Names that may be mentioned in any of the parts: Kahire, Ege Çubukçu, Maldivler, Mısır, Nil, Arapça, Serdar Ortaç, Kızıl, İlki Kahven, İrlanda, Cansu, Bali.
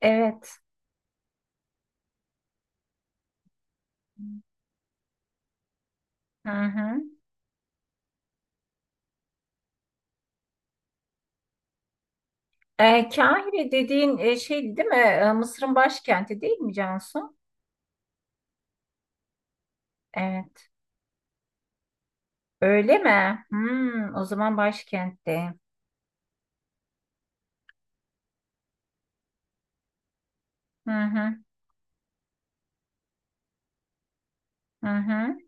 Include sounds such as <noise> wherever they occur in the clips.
Evet. Hı hı. Kahire dediğin şey değil mi? Mısır'ın başkenti değil mi, Cansu? Evet. Öyle mi? Hmm, o zaman başkentte. Hı hı. Hı hı.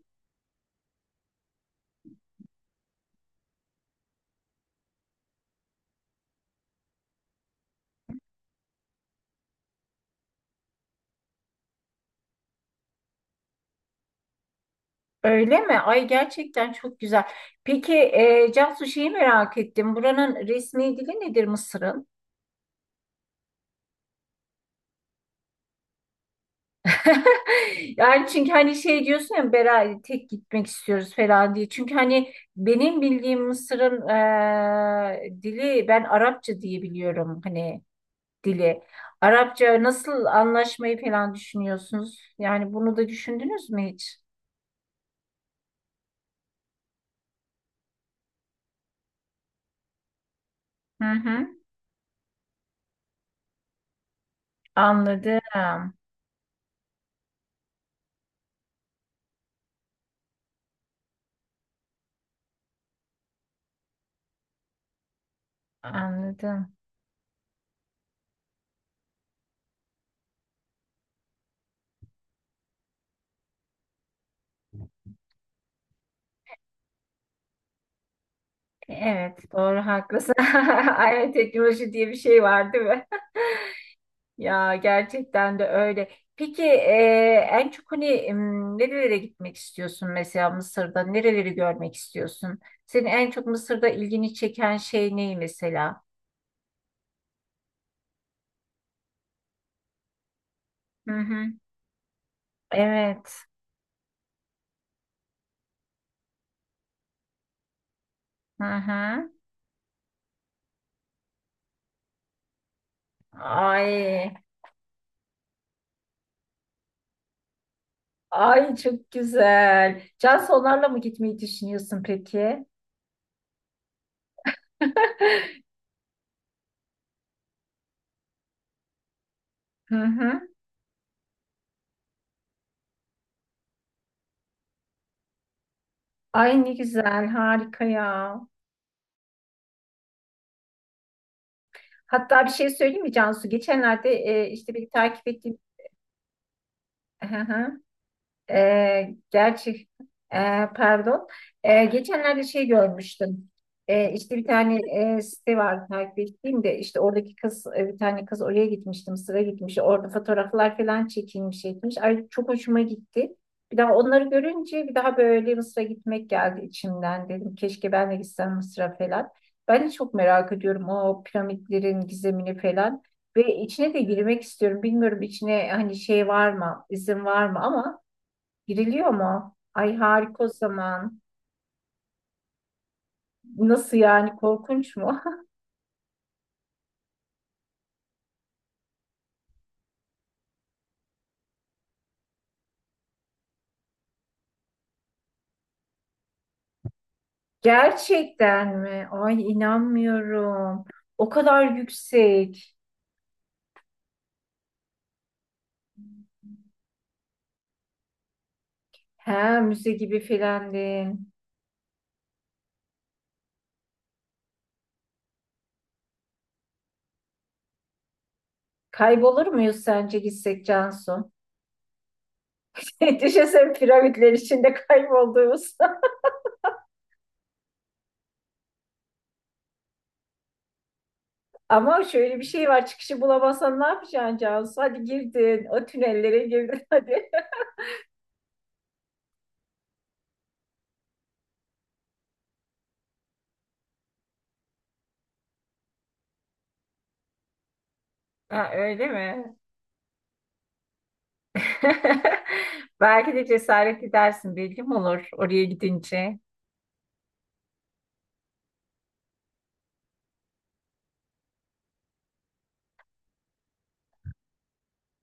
Öyle mi? Ay gerçekten çok güzel. Peki Cansu, şeyi merak ettim. Buranın resmi dili nedir, Mısır'ın? <laughs> Yani çünkü hani şey diyorsun ya, beraber tek gitmek istiyoruz falan diye. Çünkü hani benim bildiğim Mısır'ın dili, ben Arapça diye biliyorum hani dili. Arapça nasıl anlaşmayı falan düşünüyorsunuz? Yani bunu da düşündünüz mü hiç? Hı hı. Anladım. Anladım. Evet, doğru haklısın. <laughs> Aynen, teknoloji diye bir şey var değil mi? Ya gerçekten de öyle. Peki en çok hani nerelere gitmek istiyorsun mesela Mısır'da? Nereleri görmek istiyorsun? Senin en çok Mısır'da ilgini çeken şey ne mesela? Hı hı. Evet. Hı hı. Ay, ay çok güzel. Cansu, onlarla mı gitmeyi düşünüyorsun peki? <laughs> Hı hı. Ay ne güzel, harika ya. Hatta bir şey söyleyeyim mi Cansu? Geçenlerde işte bir takip ettiğim. Hı hı. E, gerçi e, pardon. Geçenlerde şey görmüştüm. İşte bir tane site var takip ettiğim, de işte oradaki kız, bir tane kız oraya gitmişti, Mısır'a gitmiş. Orada fotoğraflar falan çekilmiş etmiş. Ay çok hoşuma gitti. Bir daha onları görünce bir daha böyle Mısır'a gitmek geldi içimden, dedim keşke ben de gitsem Mısır'a falan. Ben de çok merak ediyorum o piramitlerin gizemini falan. Ve içine de girmek istiyorum. Bilmiyorum içine hani şey var mı, izin var mı ama. Giriliyor mu? Ay harika o zaman. Nasıl yani, korkunç mu? <laughs> Gerçekten mi? Ay inanmıyorum. O kadar yüksek. He, müze gibi filendin. Kaybolur muyuz sence gitsek, Cansu? <laughs> Düşünsene piramitler içinde kaybolduğumuz. <laughs> Ama şöyle bir şey var, çıkışı bulamazsan ne yapacaksın Cansu? Hadi girdin, o tünellere girdin <laughs> hadi. Ha, öyle mi? <laughs> Belki de cesaret edersin, bilgim olur oraya gidince.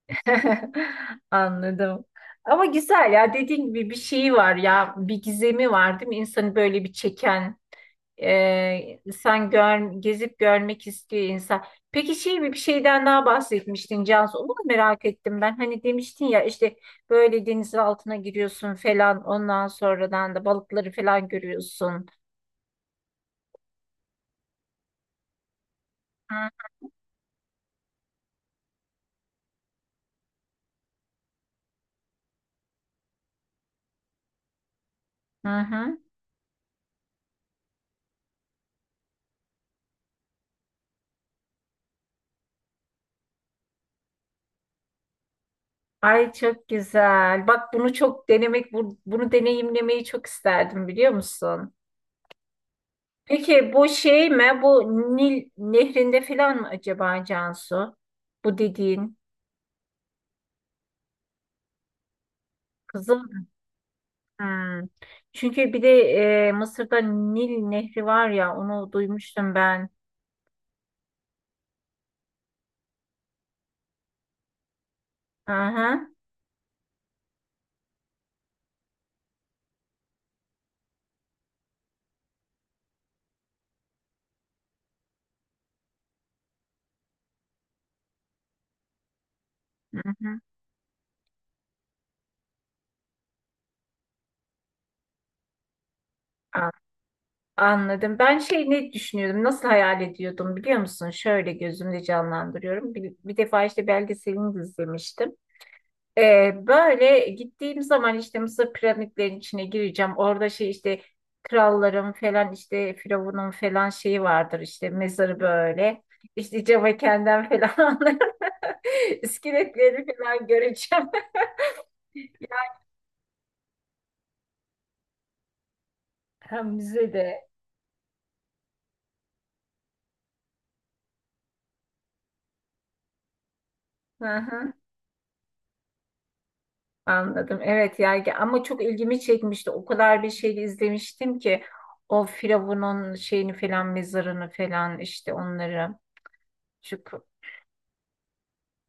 <laughs> Anladım. Ama güzel ya, dediğin gibi bir şeyi var ya, bir gizemi var değil mi? İnsanı böyle bir çeken, sen gör, gezip görmek istiyor insan. Peki şey mi, bir şeyden daha bahsetmiştin Cansu, onu da merak ettim ben. Hani demiştin ya işte böyle denizin altına giriyorsun falan, ondan sonradan da balıkları falan görüyorsun. Hı hı. Ay çok güzel. Bak bunu çok denemek, bunu deneyimlemeyi çok isterdim, biliyor musun? Peki bu şey mi? Bu Nil nehrinde falan mı acaba Cansu? Bu dediğin. Kızıl. Hmm. Çünkü bir de Mısır'da Nil nehri var ya, onu duymuştum ben. Aha. Hı hı. hı. An- Anladım. Ben şey ne düşünüyordum, nasıl hayal ediyordum, biliyor musun? Şöyle gözümde canlandırıyorum. Bir, bir defa işte belgeselini de izlemiştim. Böyle gittiğim zaman işte Mısır piramitlerinin içine gireceğim. Orada şey işte kralların falan, işte firavunun falan şeyi vardır işte mezarı böyle. İşte Cavakenden falan <laughs> iskeletleri falan göreceğim. <laughs> Hem müzede. Hı hı, anladım. Evet yani, ama çok ilgimi çekmişti. O kadar bir şey izlemiştim ki, o firavunun şeyini falan, mezarını falan işte onları. Çok.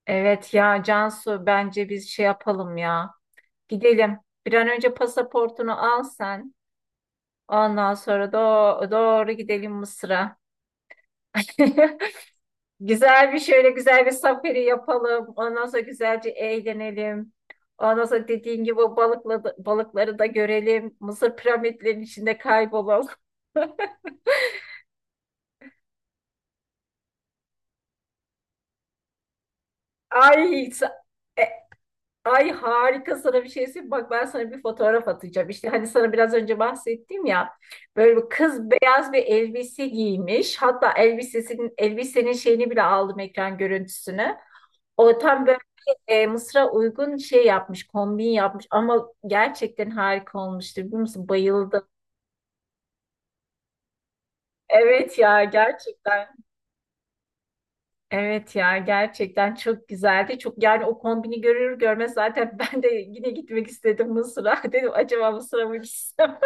Evet ya Cansu, bence biz şey yapalım ya. Gidelim. Bir an önce pasaportunu al sen. Ondan sonra doğru gidelim Mısır'a. <laughs> Güzel bir şöyle güzel bir safari yapalım. Ondan sonra güzelce eğlenelim. Ondan sonra dediğin gibi balıkları da görelim. Mısır piramitlerinin içinde kaybolalım. <laughs> Ay sa- Ay harika, sana bir şey söyleyeyim. Bak ben sana bir fotoğraf atacağım. İşte hani sana biraz önce bahsettim ya. Böyle bir kız beyaz bir elbise giymiş. Hatta elbisenin şeyini bile aldım, ekran görüntüsünü. O tam böyle Mısır'a uygun şey yapmış, kombin yapmış, ama gerçekten harika olmuştu. Biliyor musun? Bayıldım. Evet ya gerçekten. Evet ya gerçekten çok güzeldi. Çok yani o kombini görür görmez zaten <laughs> ben de yine gitmek istedim Mısır'a. <laughs> Dedim acaba Mısır'a mı gitsem?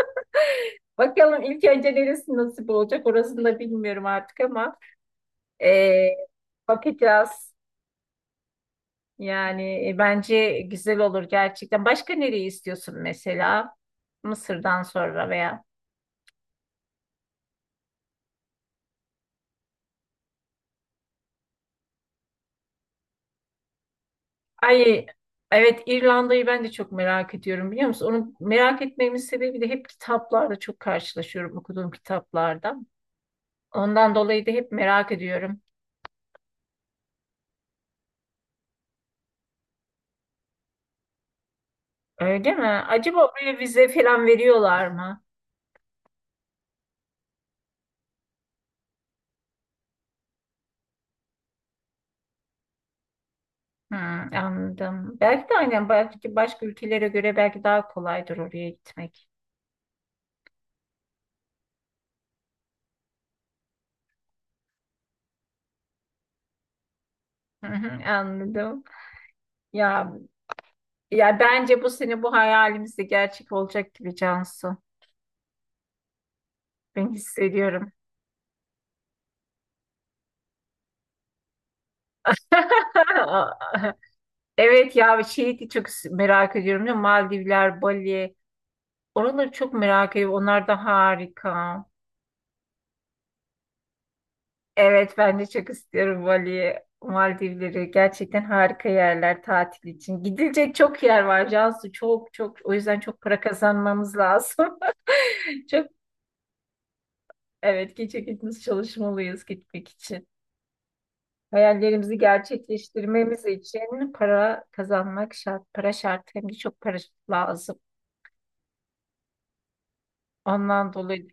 Bakalım ilk önce neresi nasip olacak orasını da bilmiyorum artık ama eee, bakacağız. Yani bence güzel olur gerçekten. Başka nereyi istiyorsun mesela? Mısır'dan sonra veya. Ay evet, İrlanda'yı ben de çok merak ediyorum biliyor musun? Onu merak etmemin sebebi de hep kitaplarda çok karşılaşıyorum, okuduğum kitaplarda. Ondan dolayı da hep merak ediyorum. Öyle mi? Acaba oraya vize falan veriyorlar mı? Hmm, anladım. Belki de aynen, belki başka ülkelere göre belki daha kolaydır oraya gitmek. Hı hı, anladım. Ya ya bence bu sene bu hayalimiz de gerçek olacak gibi, Cansu. Ben hissediyorum. <laughs> Evet ya şeyi de çok merak ediyorum ya, Maldivler, Bali. Oraları çok merak ediyorum. Onlar da harika. Evet ben de çok istiyorum Bali'yi, Maldivleri. Gerçekten harika yerler tatil için. Gidilecek çok yer var Cansu. Çok çok. O yüzden çok para kazanmamız lazım. <laughs> Çok, evet gece gündüz çalışmalıyız gitmek için. Hayallerimizi gerçekleştirmemiz için para kazanmak şart. Para şart, hem de çok para lazım. Ondan dolayı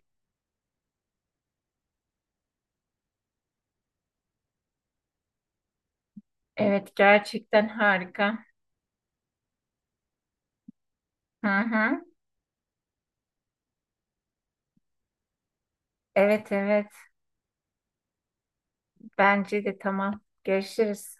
evet gerçekten harika. Hı hı. Evet evet bence de tamam. Görüşürüz.